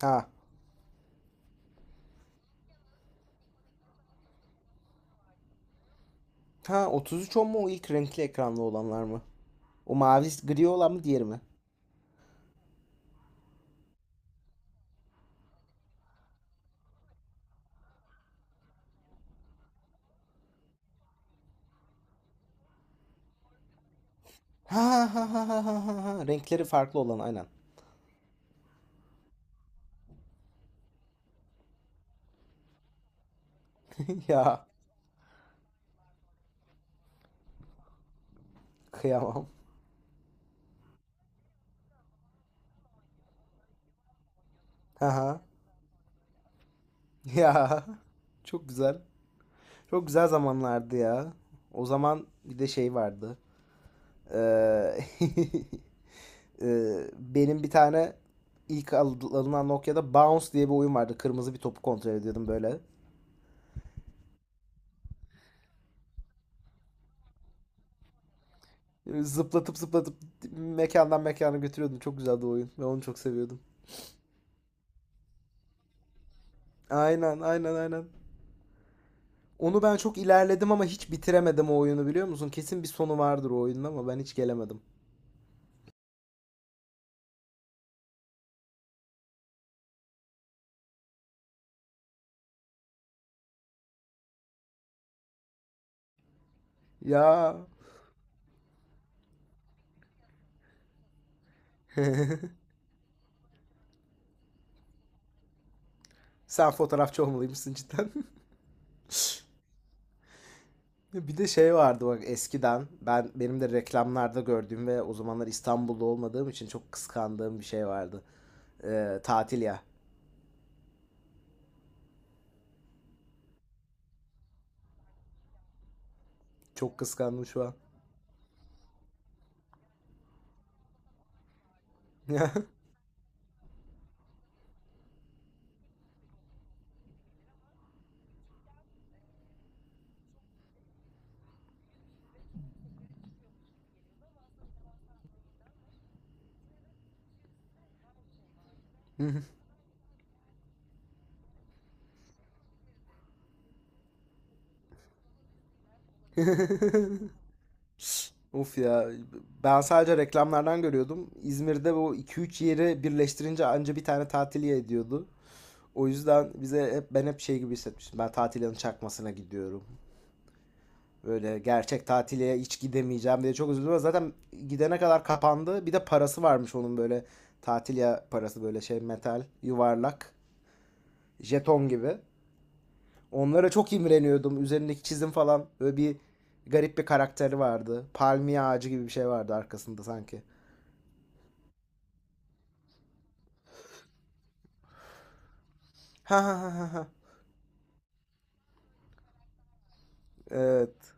Ha. Ha 33 10 mu o ilk renkli ekranlı olanlar mı? O mavi gri olan mı diğeri mi? Ha ha ha ha ha ha ha. Renkleri farklı olan aynen. Ya kıyamam. Ha ha. Ya. Çok güzel. Çok güzel zamanlardı ya. O zaman bir de şey vardı. Ee, benim bir tane ilk alınan Nokia'da Bounce diye bir oyun vardı. Kırmızı bir topu kontrol ediyordum böyle. Zıplatıp zıplatıp mekandan mekana götürüyordum. Çok güzeldi o oyun. Ben onu çok seviyordum. Aynen, aynen, aynen. Onu ben çok ilerledim ama hiç bitiremedim o oyunu, biliyor musun? Kesin bir sonu vardır o oyunun ama ben hiç gelemedim. Ya, sen fotoğrafçı olmalıymışsın cidden. Bir de şey vardı bak, eskiden ben benim de reklamlarda gördüğüm ve o zamanlar İstanbul'da olmadığım için çok kıskandığım bir şey vardı. Tatil ya. Çok kıskandım şu an. Of ya, ben sadece reklamlardan görüyordum. İzmir'de bu iki üç yeri birleştirince anca bir tane tatil ediyordu. O yüzden bize hep, ben hep şey gibi hissetmiştim. Ben tatilin çakmasına gidiyorum. Böyle gerçek tatile hiç gidemeyeceğim diye çok üzüldüm. Zaten gidene kadar kapandı. Bir de parası varmış onun, böyle tatil ya, parası böyle şey, metal, yuvarlak, jeton gibi. Onlara çok imreniyordum. Üzerindeki çizim falan, böyle bir garip bir karakteri vardı. Palmiye ağacı gibi bir şey vardı arkasında sanki. Ha ha ha ha ha. Evet.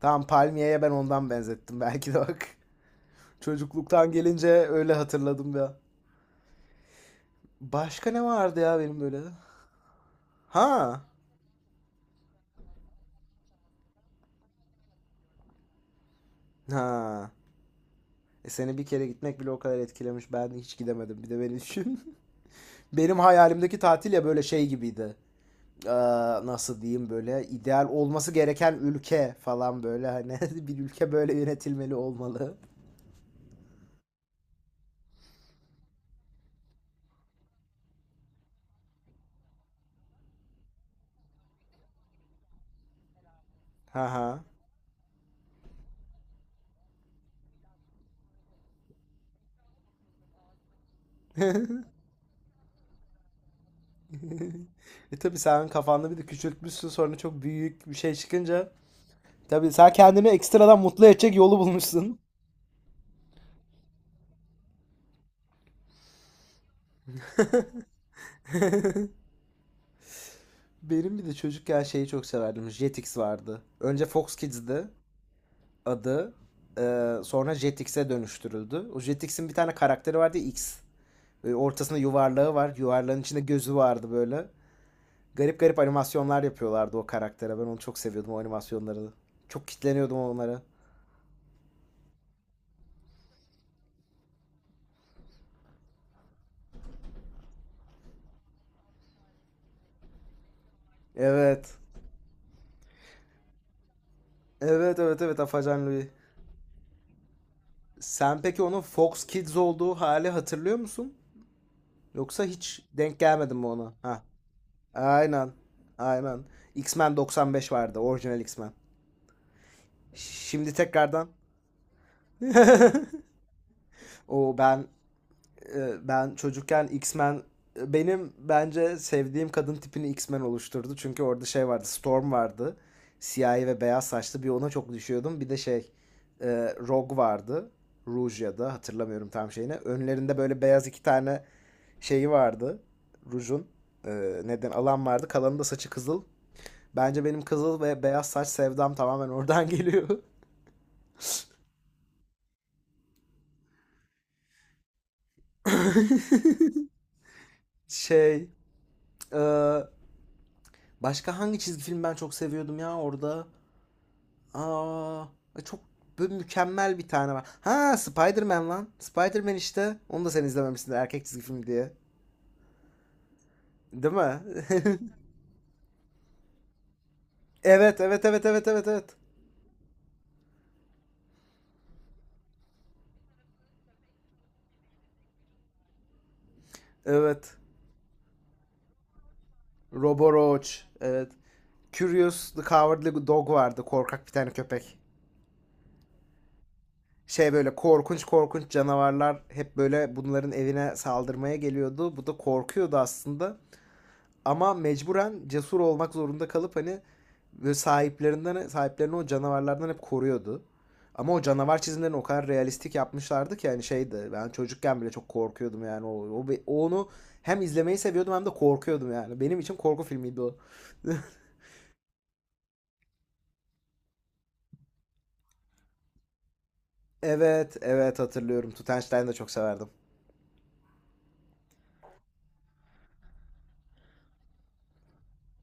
Tamam, palmiyeye ben ondan benzettim belki de bak. Çocukluktan gelince öyle hatırladım ya. Başka ne vardı ya benim böyle? Ha. Ha. E, seni bir kere gitmek bile o kadar etkilemiş. Ben hiç gidemedim. Bir de beni düşün. Benim hayalimdeki tatil ya böyle şey gibiydi. Ee, nasıl diyeyim, böyle ideal olması gereken ülke falan, böyle hani bir ülke böyle yönetilmeli, olmalı. Haha ha. E tabii, sen kafanda bir de küçültmüşsün sonra, çok büyük bir şey çıkınca. Tabi sen kendini ekstradan mutlu edecek yolu bulmuşsun. Benim bir de çocukken şeyi çok severdim. Jetix vardı. Önce Fox Kids'di adı, sonra Jetix'e dönüştürüldü. O Jetix'in bir tane karakteri vardı, X. Böyle ortasında yuvarlağı var. Yuvarlağın içinde gözü vardı böyle. Garip garip animasyonlar yapıyorlardı o karaktere. Ben onu çok seviyordum, o animasyonları. Çok kitleniyordum onlara. Evet. Evet evet evet, Afacan Louis. Sen peki onun Fox Kids olduğu hali hatırlıyor musun? Yoksa hiç denk gelmedin mi ona? Ha. Aynen. Aynen. X-Men 95 vardı. Orijinal X-Men. Şimdi tekrardan o ben ben çocukken X-Men, benim bence sevdiğim kadın tipini X-Men oluşturdu. Çünkü orada şey vardı, Storm vardı. Siyahi ve beyaz saçlı bir, ona çok düşüyordum. Bir de şey, e, Rogue vardı. Rouge ya da, hatırlamıyorum tam şeyini. Önlerinde böyle beyaz iki tane şeyi vardı. Rouge'un neden alan vardı. Kalanı da saçı kızıl. Bence benim kızıl ve beyaz saç sevdam tamamen oradan geliyor. Şey, e, başka hangi çizgi film ben çok seviyordum ya orada? Aa, çok böyle mükemmel bir tane var. Ha, Spider-Man lan. Spider-Man işte. Onu da sen izlememişsin erkek çizgi film diye. Değil mi? Evet, evet, evet, evet, evet, evet. Evet. Robo Roach. Evet. Curious the Cowardly Dog vardı. Korkak bir tane köpek. Şey, böyle korkunç korkunç canavarlar hep böyle bunların evine saldırmaya geliyordu. Bu da korkuyordu aslında. Ama mecburen cesur olmak zorunda kalıp hani sahiplerini o canavarlardan hep koruyordu. Ama o canavar çizimlerini o kadar realistik yapmışlardı ki yani şeydi, ben çocukken bile çok korkuyordum yani o, o onu hem izlemeyi seviyordum hem de korkuyordum yani. Benim için korku filmiydi o. Evet, evet hatırlıyorum. Tutenstein'i de çok severdim.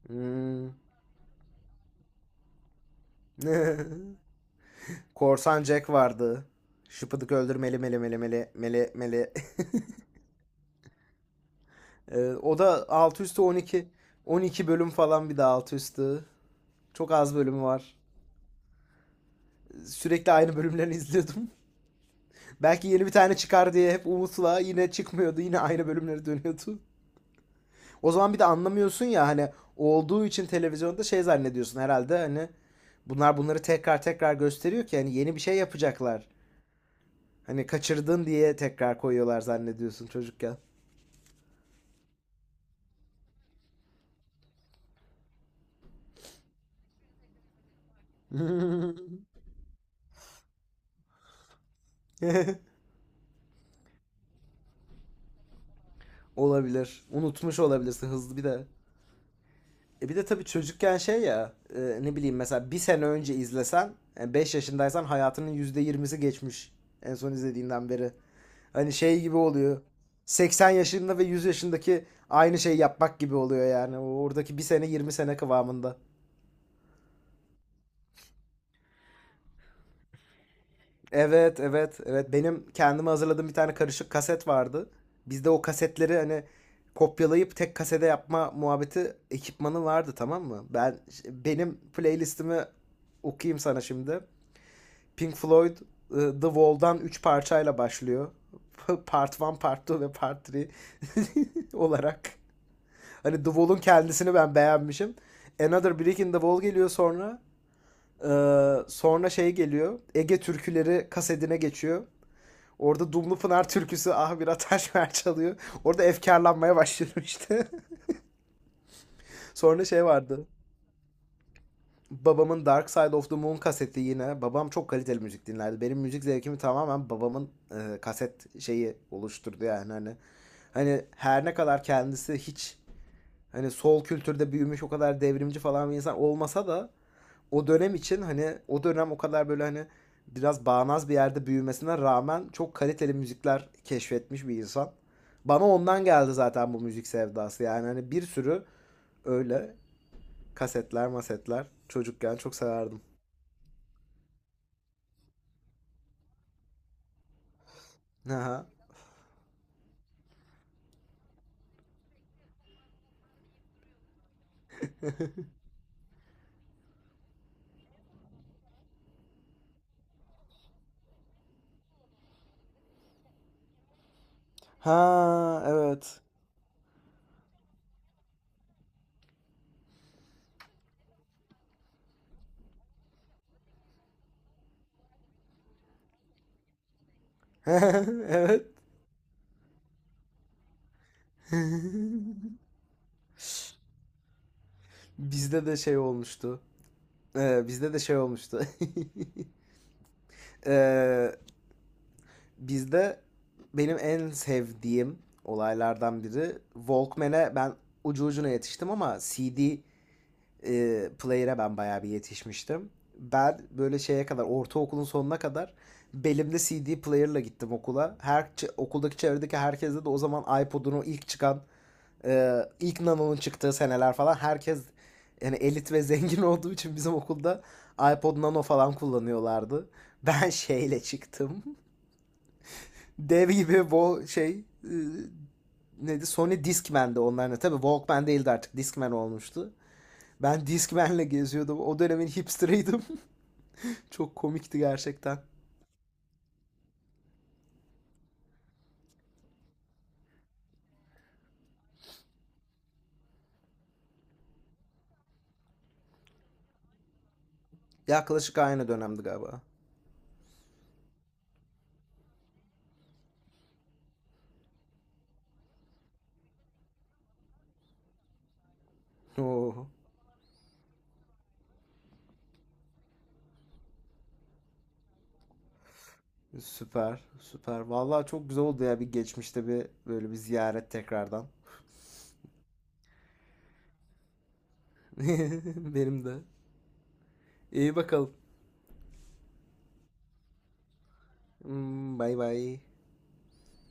Hmm. Korsan Jack vardı. Şıpıdık öldür meli meli meli meli meli meli. O da 6 üstü 12. 12 bölüm falan bir de 6 üstü. Çok az bölümü var. Sürekli aynı bölümlerini izliyordum. Belki yeni bir tane çıkar diye hep umutla, yine çıkmıyordu. Yine aynı bölümleri dönüyordu. O zaman bir de anlamıyorsun ya, hani olduğu için televizyonda şey zannediyorsun herhalde, hani bunlar bunları tekrar tekrar gösteriyor ki hani yeni bir şey yapacaklar. Hani kaçırdın diye tekrar koyuyorlar zannediyorsun çocukken. Olabilir. Unutmuş olabilirsin hızlı bir de. E bir de tabii çocukken şey ya, ne bileyim, mesela bir sene önce izlesen, 5 yaşındaysan hayatının %20'si geçmiş en son izlediğinden beri. Hani şey gibi oluyor. 80 yaşında ve 100 yaşındaki aynı şeyi yapmak gibi oluyor yani. Oradaki bir sene 20 sene kıvamında. Evet evet evet, benim kendime hazırladığım bir tane karışık kaset vardı. Bizde o kasetleri hani kopyalayıp tek kasede yapma muhabbeti, ekipmanı vardı, tamam mı? Ben benim playlistimi okuyayım sana şimdi. Pink Floyd, The Wall'dan 3 parçayla başlıyor. Part 1, Part 2 ve Part 3 olarak. Hani The Wall'un kendisini ben beğenmişim. Another Brick in the Wall geliyor sonra. Sonra şey geliyor. Ege türküleri kasedine geçiyor. Orada Dumlu Pınar türküsü ah bir ataş ver çalıyor. Orada efkarlanmaya başladım işte. Sonra şey vardı. Babamın Dark Side of the Moon kaseti yine. Babam çok kaliteli müzik dinlerdi. Benim müzik zevkimi tamamen babamın kaset şeyi oluşturdu yani hani. Hani her ne kadar kendisi hiç hani sol kültürde büyümüş o kadar devrimci falan bir insan olmasa da, o dönem için hani, o dönem o kadar böyle hani biraz bağnaz bir yerde büyümesine rağmen çok kaliteli müzikler keşfetmiş bir insan. Bana ondan geldi zaten bu müzik sevdası. Yani hani bir sürü öyle kasetler, masetler çocukken çok severdim. Ha. Ha evet. Evet. Bizde de şey olmuştu. Bizde de şey olmuştu. Ee, bizde benim en sevdiğim olaylardan biri, Walkman'e ben ucu ucuna yetiştim ama CD Player'e ben bayağı bir yetişmiştim. Ben böyle şeye kadar, ortaokulun sonuna kadar belimde CD player'la gittim okula. Her okuldaki, çevredeki herkeste de o zaman iPod'un o ilk çıkan, ilk Nano'nun çıktığı seneler falan, herkes yani elit ve zengin olduğu için bizim okulda, iPod Nano falan kullanıyorlardı. Ben şeyle çıktım. Dev gibi bu şey, neydi, Sony Discman'dı onların. Tabii Walkman değildi artık, Discman olmuştu. Ben Discman'le geziyordum. O dönemin hipsterıydım. Çok komikti gerçekten. Yaklaşık aynı dönemdi galiba. Oo, süper, süper. Vallahi çok güzel oldu ya, bir geçmişte bir böyle bir ziyaret tekrardan. Benim de. İyi bakalım. Hmm, bay bay.